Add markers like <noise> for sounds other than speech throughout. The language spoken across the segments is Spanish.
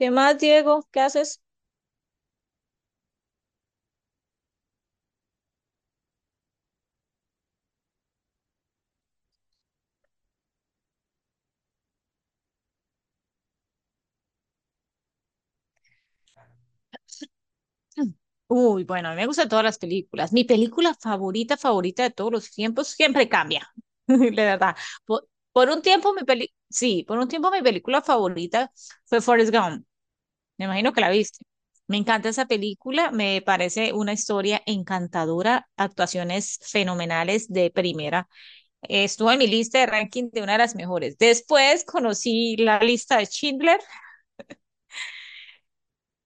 ¿Qué más, Diego? ¿Qué haces? <clears throat> Uy, bueno, a mí me gustan todas las películas. Mi película favorita, favorita de todos los tiempos, siempre cambia, <laughs> la verdad. Por un tiempo mi peli, sí, por un tiempo mi película favorita fue Forrest Gump. Me imagino que la viste. Me encanta esa película, me parece una historia encantadora, actuaciones fenomenales de primera. Estuvo en mi lista de ranking de una de las mejores. Después conocí la lista de Schindler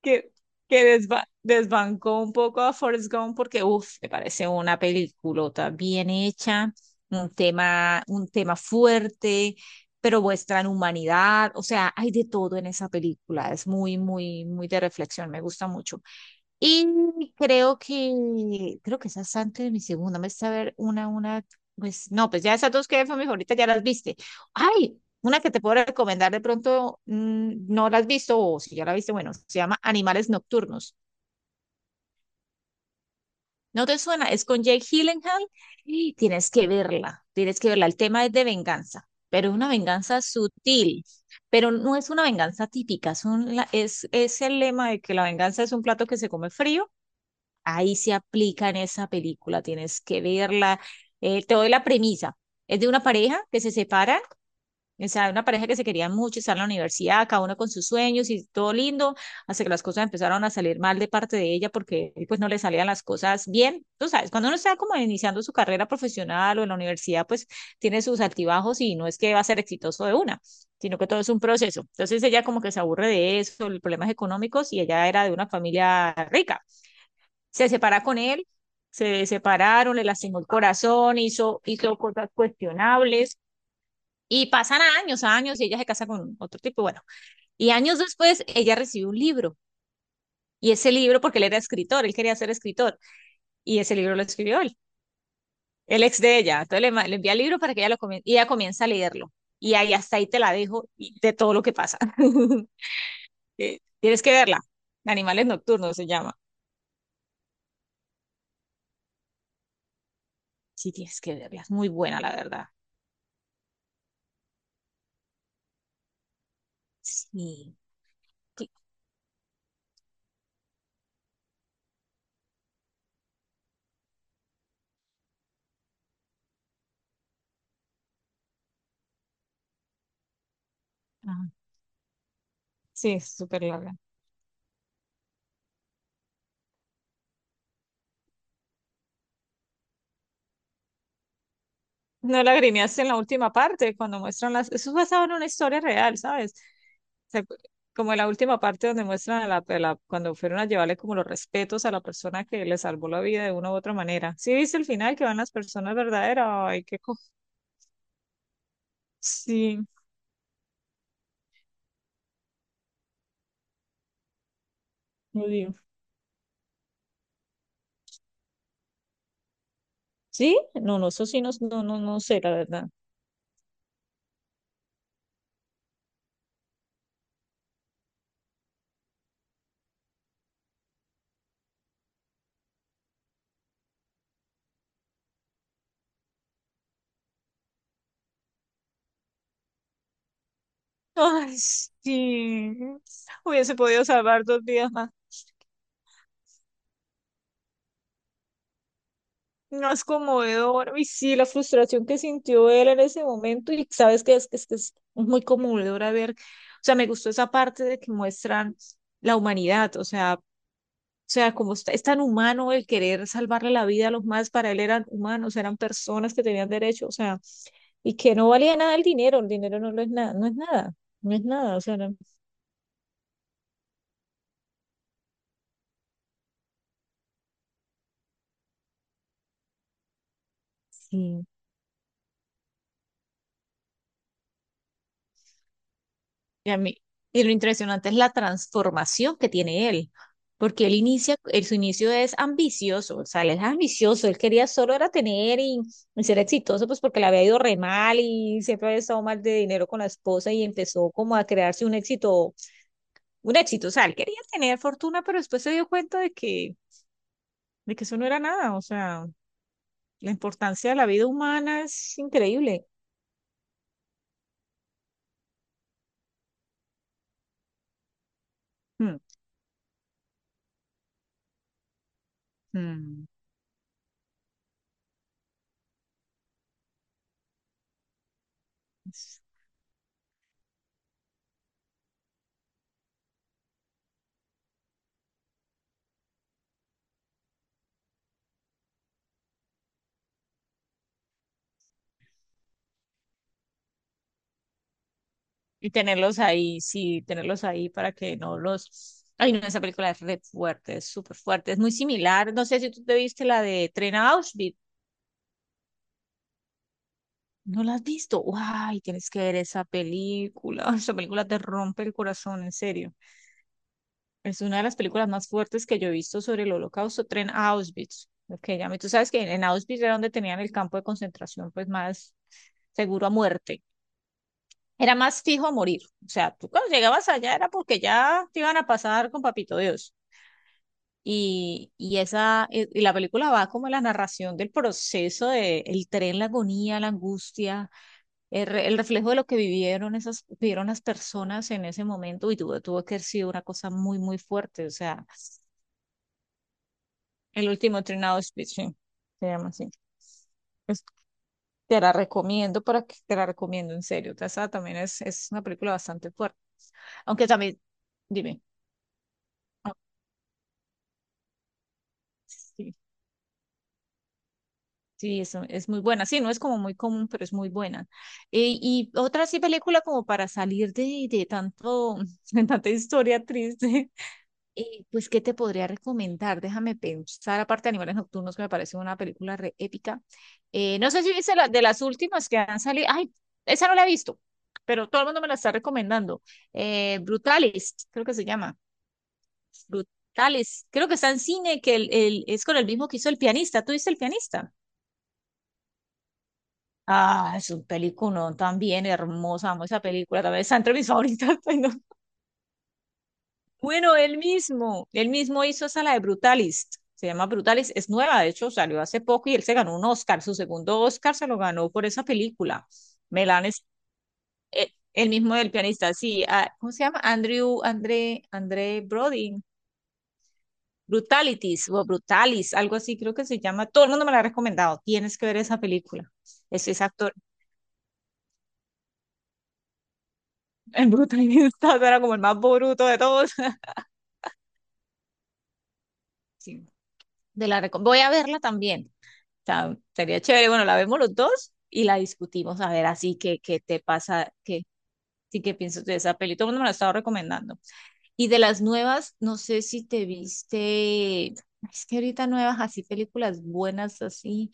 que, que desbancó un poco a Forrest Gump porque, uff, me parece una peliculota bien hecha, un tema fuerte, pero muestran humanidad, o sea, hay de todo en esa película, es muy, muy, muy de reflexión, me gusta mucho. Y creo que esas antes de mi segunda, me está a ver pues no, pues ya esas dos que fue mi favorita, ya las viste. Ay, una que te puedo recomendar de pronto, no la has visto o si ya la viste, bueno, se llama Animales Nocturnos. ¿No te suena? Es con Jake Gyllenhaal <gasps> y tienes que verla, tienes que verla. El tema es de venganza, pero es una venganza sutil, pero no es una venganza típica, es, es el lema de que la venganza es un plato que se come frío ahí se aplica en esa película, tienes que verla. Te doy la premisa. Es de una pareja que se separa, o sea, una pareja que se querían mucho, están en la universidad, cada uno con sus sueños y todo lindo, hasta que las cosas empezaron a salir mal de parte de ella porque pues no le salían las cosas bien. Tú sabes, cuando uno está como iniciando su carrera profesional o en la universidad, pues tiene sus altibajos y no es que va a ser exitoso de una, sino que todo es un proceso. Entonces ella como que se aburre de eso, los problemas económicos y ella era de una familia rica, se separa con él, se separaron, le lastimó el corazón, hizo, hizo cosas cuestionables y pasan años, años y ella se casa con otro tipo, bueno, y años después ella recibe un libro y ese libro, porque él era escritor, él quería ser escritor y ese libro lo escribió él, el ex de ella, entonces le envía el libro para que ella lo comience y ella comienza a leerlo y ahí hasta ahí te la dejo y de todo lo que pasa. <laughs> Tienes que verla, Animales Nocturnos se llama. Sí, tienes que verla, es muy buena la verdad. Sí. Sí. Sí, es súper larga. No la grineaste en la última parte, cuando muestran las... Eso es basado en una historia real, ¿sabes? O sea, como en la última parte donde muestran a la, cuando fueron a llevarle como los respetos a la persona que le salvó la vida de una u otra manera. ¿Sí viste el final que van las personas verdaderas? Ay, qué... Sí, no digo. ¿Sí? No, no, eso sí, no, no, no sé, la verdad. Ay, sí. Hubiese podido salvar dos vidas más. No es conmovedor. Y sí, la frustración que sintió él en ese momento, y sabes que es muy conmovedora ver, o sea, me gustó esa parte de que muestran la humanidad, o sea, como está, es tan humano el querer salvarle la vida a los más, para él eran humanos, eran personas que tenían derecho, o sea, y que no valía nada el dinero, el dinero no lo es nada, no es nada, no es nada, o sea, sí. Y, a mí- y lo impresionante es la transformación que tiene él, porque él inicia, él, su inicio es ambicioso, o sea, él es ambicioso, él quería solo era tener y ser exitoso, pues porque le había ido re mal y siempre había estado mal de dinero con la esposa y empezó como a crearse un éxito, o sea, él quería tener fortuna, pero después se dio cuenta de que eso no era nada, o sea, la importancia de la vida humana es increíble. Mm, mm. Y tenerlos ahí, sí, tenerlos ahí para que no los... Ay, no, esa película es re fuerte, es súper fuerte, es muy similar. No sé si tú te viste la de Tren a Auschwitz. ¿No la has visto? ¡Ay, tienes que ver esa película! <laughs> Esa película te rompe el corazón, en serio. Es una de las películas más fuertes que yo he visto sobre el holocausto, Tren a Auschwitz. Lo que llaman- Tú sabes que en Auschwitz era donde tenían el campo de concentración, pues más seguro a muerte. Era más fijo a morir. O sea, tú cuando llegabas allá era porque ya te iban a pasar con papito Dios. Y esa, y la película va como la narración del proceso de el tren, la agonía, la angustia, el, el reflejo de lo que vivieron esas, vivieron las personas en ese momento y tuvo, tuvo que haber sido una cosa muy, muy fuerte. O sea, el último tren a Auschwitz, sí, se llama así. Es- Te la recomiendo para que te la recomiendo en serio. O sea, esa también es una película bastante fuerte. Aunque también, dime. Ah, sí. Sí, eso es muy buena. Sí, no es como muy común, pero es muy buena. Y otra sí película como para salir de tanto, <laughs> de tanta historia triste. <laughs> Pues, ¿qué te podría recomendar? Déjame pensar, aparte de Animales Nocturnos, que me parece una película re épica. No sé si viste la, de las últimas que han salido. Ay, esa no la he visto, pero todo el mundo me la está recomendando. Brutalist, creo que se llama. Brutalist. Creo que está en cine, que el, es con el mismo que hizo El Pianista. ¿Tú viste El Pianista? Ah, es un peliculón también hermosa, amo esa película, también está entre mis favoritas. <laughs> Pues, no. Bueno, él mismo hizo esa, la de Brutalist, se llama Brutalist, es nueva, de hecho salió hace poco y él se ganó un Oscar, su segundo Oscar se lo ganó por esa película. Melan es el, mismo del pianista, sí, ah, ¿cómo se llama? Andrew, André, André Brody, Brutalities o Brutalis, algo así creo que se llama, todo el mundo me la ha recomendado, tienes que ver esa película, es ese actor, el brutalista, <laughs> era como el más bruto de todos. Sí, Voy a verla también. O sea, sería chévere. Bueno, la vemos los dos y la discutimos a ver así que qué te pasa, qué sí que piensas de esa peli. Todo el mundo me la estaba recomendando. Y de las nuevas, no sé si te viste. Es que ahorita nuevas, así películas buenas, así.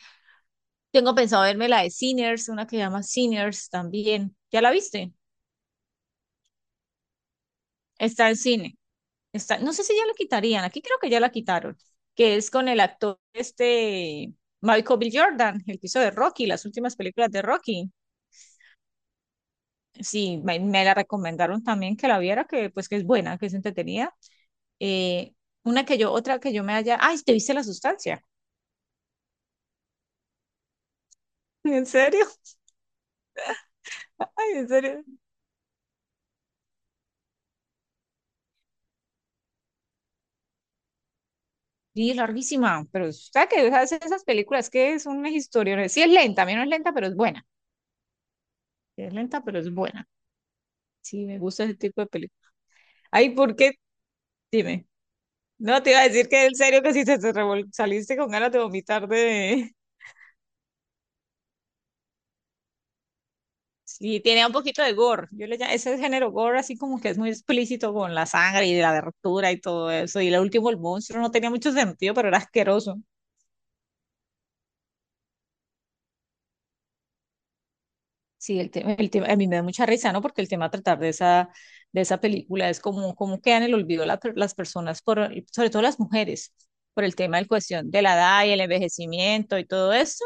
Tengo pensado verme la de Sinners, una que se llama Sinners también. ¿Ya la viste? Está en cine. Está, no sé si ya lo quitarían, aquí creo que ya la quitaron, que es con el actor este Michael B. Jordan, el que hizo de Rocky, las últimas películas de Rocky. Sí, me la recomendaron también que la viera, que pues que es buena, que es entretenida. Eh, una que yo, otra que yo me haya, ay, ¿te viste La Sustancia? <laughs> ¿En serio? Ay, ¿en serio? Sí, larguísima, pero sabes que esas, esas películas que es una historia, sí es lenta, a mí no es lenta, pero es buena. Sí es lenta, pero es buena. Sí, me gusta ese tipo de películas. Ay, ¿por qué? Dime. No, te iba a decir que en serio que si te, saliste con ganas de vomitar de... <laughs> Sí, tiene un poquito de gore. Yo le llamo, ese género gore así como que es muy explícito con la sangre y la abertura y todo eso. Y lo último, el monstruo, no tenía mucho sentido, pero era asqueroso. Sí, el tema, a mí me da mucha risa, ¿no? Porque el tema a tratar de esa película es como, como quedan en el olvido las personas, por, sobre todo las mujeres, por el tema en cuestión de la edad y el envejecimiento y todo esto.